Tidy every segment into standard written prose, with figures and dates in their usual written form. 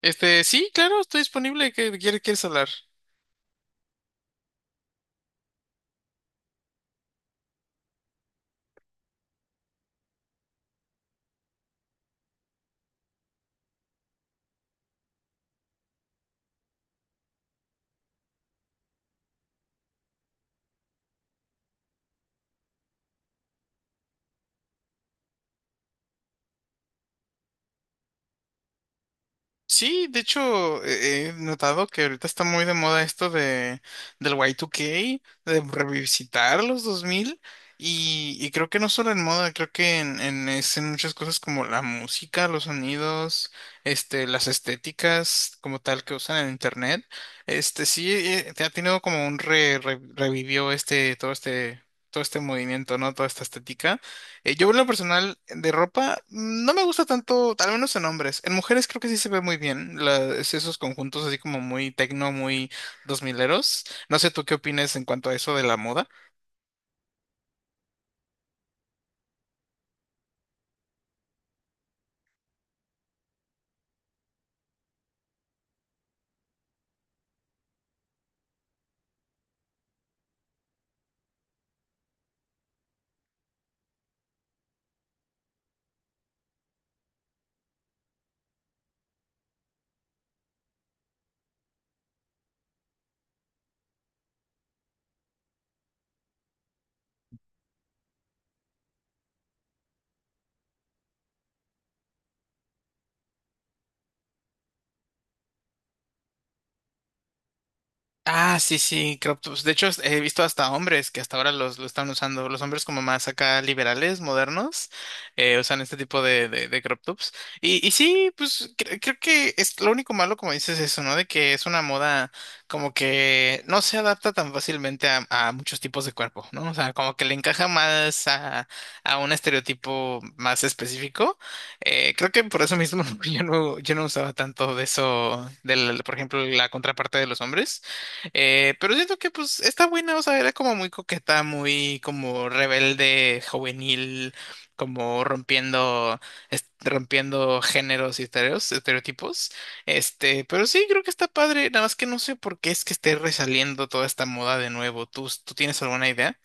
Sí, claro, estoy disponible. ¿Qué quieres hablar? Sí, de hecho, he notado que ahorita está muy de moda esto de del Y2K, de revisitar los 2000 y creo que no solo en moda, creo que en muchas cosas como la música, los sonidos, las estéticas como tal que usan en internet. Este, sí, te ha tenido como un revivió todo este movimiento, ¿no? Toda esta estética. Yo en lo personal de ropa no me gusta tanto, al menos en hombres. En mujeres creo que sí se ve muy bien la- es esos conjuntos así como muy tecno, muy dos mileros. No sé tú qué opinas en cuanto a eso de la moda. Ah, sí, sí, Croptops. De hecho, he visto hasta hombres que hasta ahora lo están usando. Los hombres como más acá liberales, modernos, usan este tipo de crop tops. Y sí, pues creo que es lo único malo, como dices, eso, ¿no? De que es una moda como que no se adapta tan fácilmente a muchos tipos de cuerpo, ¿no? O sea, como que le encaja más a un estereotipo más específico. Creo que por eso mismo yo no usaba tanto de eso, del, por ejemplo, la contraparte de los hombres. Pero siento que pues está buena, o sea, era como muy coqueta, muy como rebelde, juvenil, como rompiendo, rompiendo géneros y estereotipos. Pero sí, creo que está padre, nada más que no sé por qué es que esté resaliendo toda esta moda de nuevo. ¿Tú tienes alguna idea?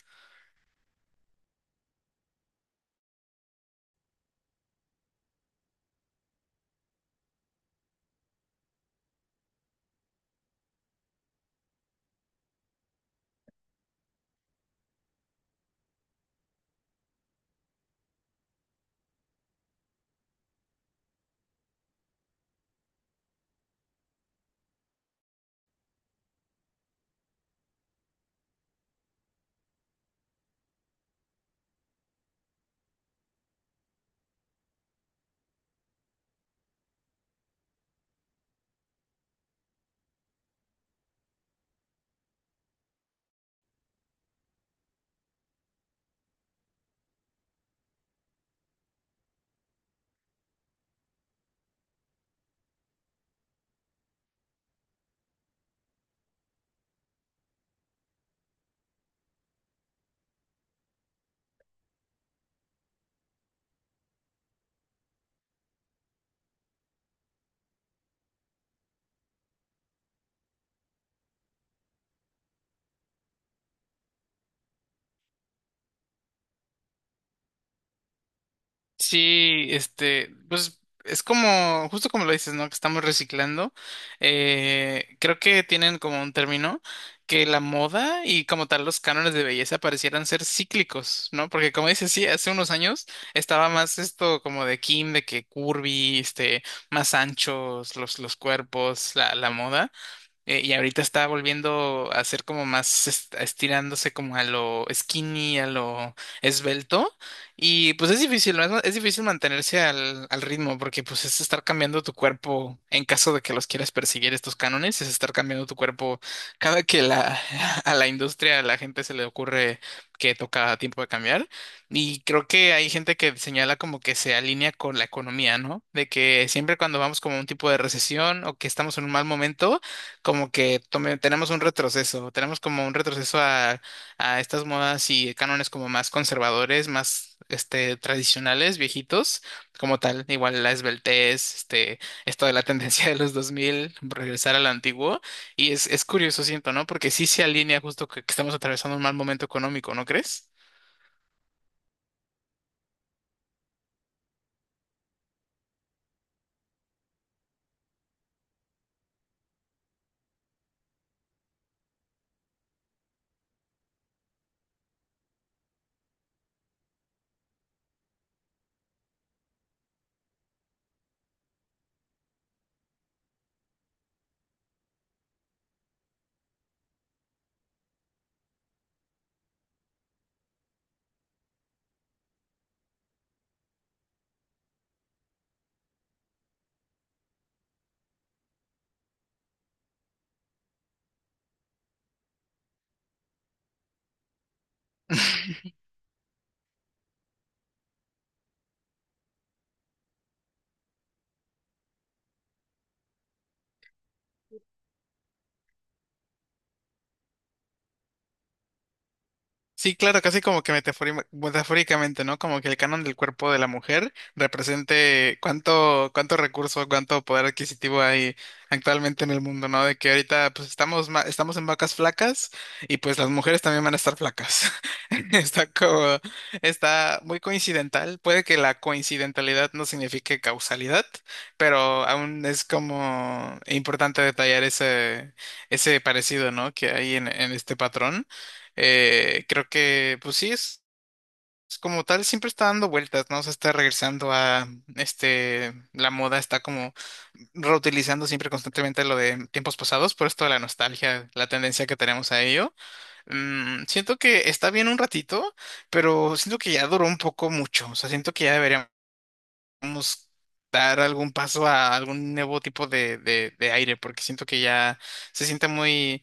Sí, este, pues es como, justo como lo dices, ¿no? Que estamos reciclando. Creo que tienen como un término que la moda y como tal los cánones de belleza parecieran ser cíclicos, ¿no? Porque como dices, sí, hace unos años estaba más esto como de Kim, de que curvy, este, más anchos los cuerpos, la moda. Y ahorita está volviendo a ser como más estirándose como a lo skinny, a lo esbelto. Y pues es difícil, ¿no? Es, es difícil mantenerse al ritmo porque pues es estar cambiando tu cuerpo en caso de que los quieras perseguir estos cánones, es estar cambiando tu cuerpo cada que la, a la industria, a la gente se le ocurre que toca tiempo de cambiar. Y creo que hay gente que señala como que se alinea con la economía, ¿no? De que siempre cuando vamos como a un tipo de recesión o que estamos en un mal momento, como que tenemos un retroceso, tenemos como un retroceso a estas modas y cánones como más conservadores, más este, tradicionales, viejitos, como tal, igual la esbeltez, este, esto de la tendencia de los 2000 regresar a lo antiguo, y es curioso, siento, ¿no? Porque sí se alinea justo que estamos atravesando un mal momento económico, ¿no crees? Sí, claro, casi como que metafóricamente, ¿no? Como que el canon del cuerpo de la mujer represente cuánto recurso, cuánto poder adquisitivo hay actualmente en el mundo, ¿no? De que ahorita pues estamos, estamos en vacas flacas y pues las mujeres también van a estar flacas. Está como, está muy coincidental. Puede que la coincidentalidad no signifique causalidad, pero aún es como importante detallar ese parecido, ¿no? Que hay en este patrón. Creo que, pues sí, es como tal, siempre está dando vueltas, ¿no? Se está regresando a, este, la moda está como reutilizando siempre constantemente lo de tiempos pasados, por esto de la nostalgia, la tendencia que tenemos a ello. Mm, siento que está bien un ratito, pero siento que ya duró un poco mucho, o sea, siento que ya deberíamos dar algún paso a algún nuevo tipo de aire, porque siento que ya se siente muy,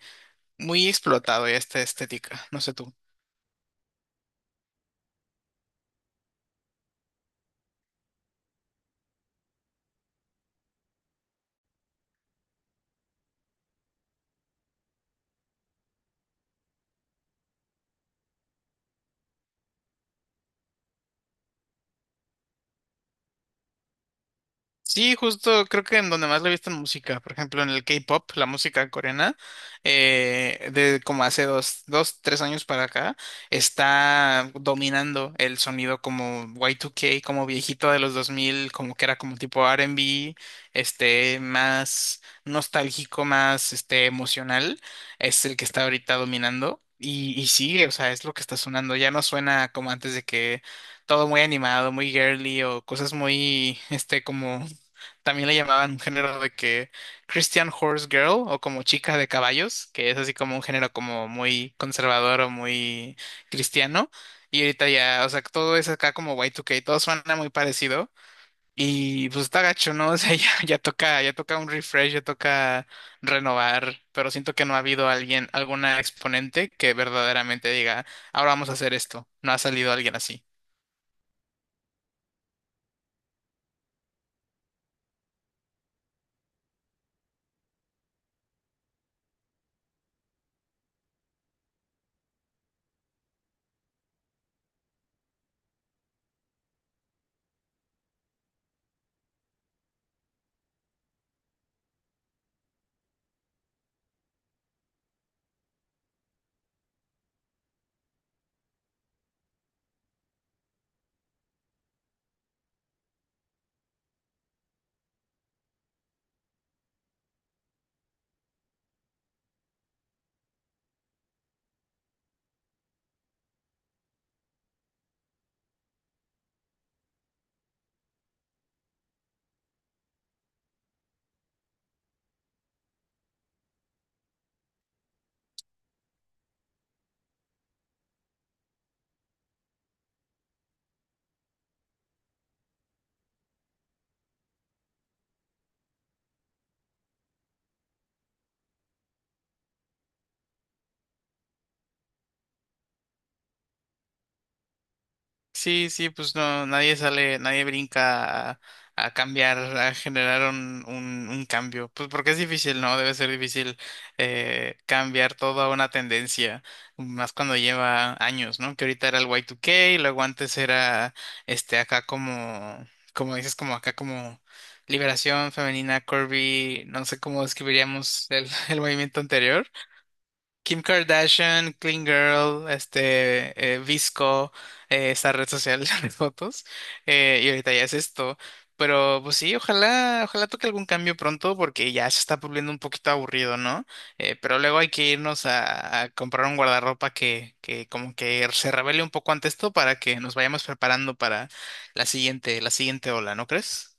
muy explotado ya esta estética, no sé tú. Sí, justo creo que en donde más lo he visto en música, por ejemplo en el K-pop, la música coreana, de como hace dos, tres años para acá, está dominando el sonido como Y2K, como viejito de los 2000, como que era como tipo R&B, este, más nostálgico, más este, emocional, es el que está ahorita dominando y sigue, o sea, es lo que está sonando, ya no suena como antes de que todo muy animado, muy girly o cosas muy, este, como también le llamaban un género de que Christian Horse Girl o como chica de caballos, que es así como un género como muy conservador o muy cristiano. Y ahorita ya, o sea, todo es acá como Y2K, todo suena muy parecido. Y pues está gacho, ¿no? O sea, ya toca un refresh, ya toca renovar, pero siento que no ha habido alguien, alguna exponente que verdaderamente diga, ahora vamos a hacer esto. No ha salido alguien así. Sí, sí, pues no, nadie sale, nadie brinca a cambiar, a generar un cambio. Pues porque es difícil, ¿no? Debe ser difícil cambiar toda una tendencia, más cuando lleva años, ¿no? Que ahorita era el Y2K, y luego antes era este acá como, como dices, como acá como Liberación Femenina, Corby, no sé cómo describiríamos el, el movimiento anterior. Kim Kardashian, Clean Girl, este, Visco, esa red social de fotos, y ahorita ya es esto. Pero pues sí, ojalá, ojalá toque algún cambio pronto porque ya se está volviendo un poquito aburrido, ¿no? Pero luego hay que irnos a comprar un guardarropa que como que se revele un poco ante esto para que nos vayamos preparando para la siguiente ola, ¿no crees?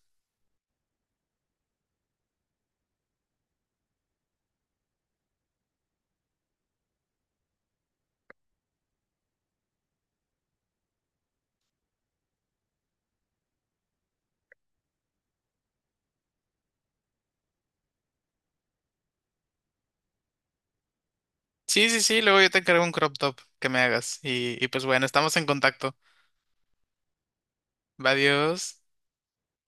Sí, sí, sí, luego yo te encargo un crop top que me hagas y pues bueno, estamos en contacto. Adiós.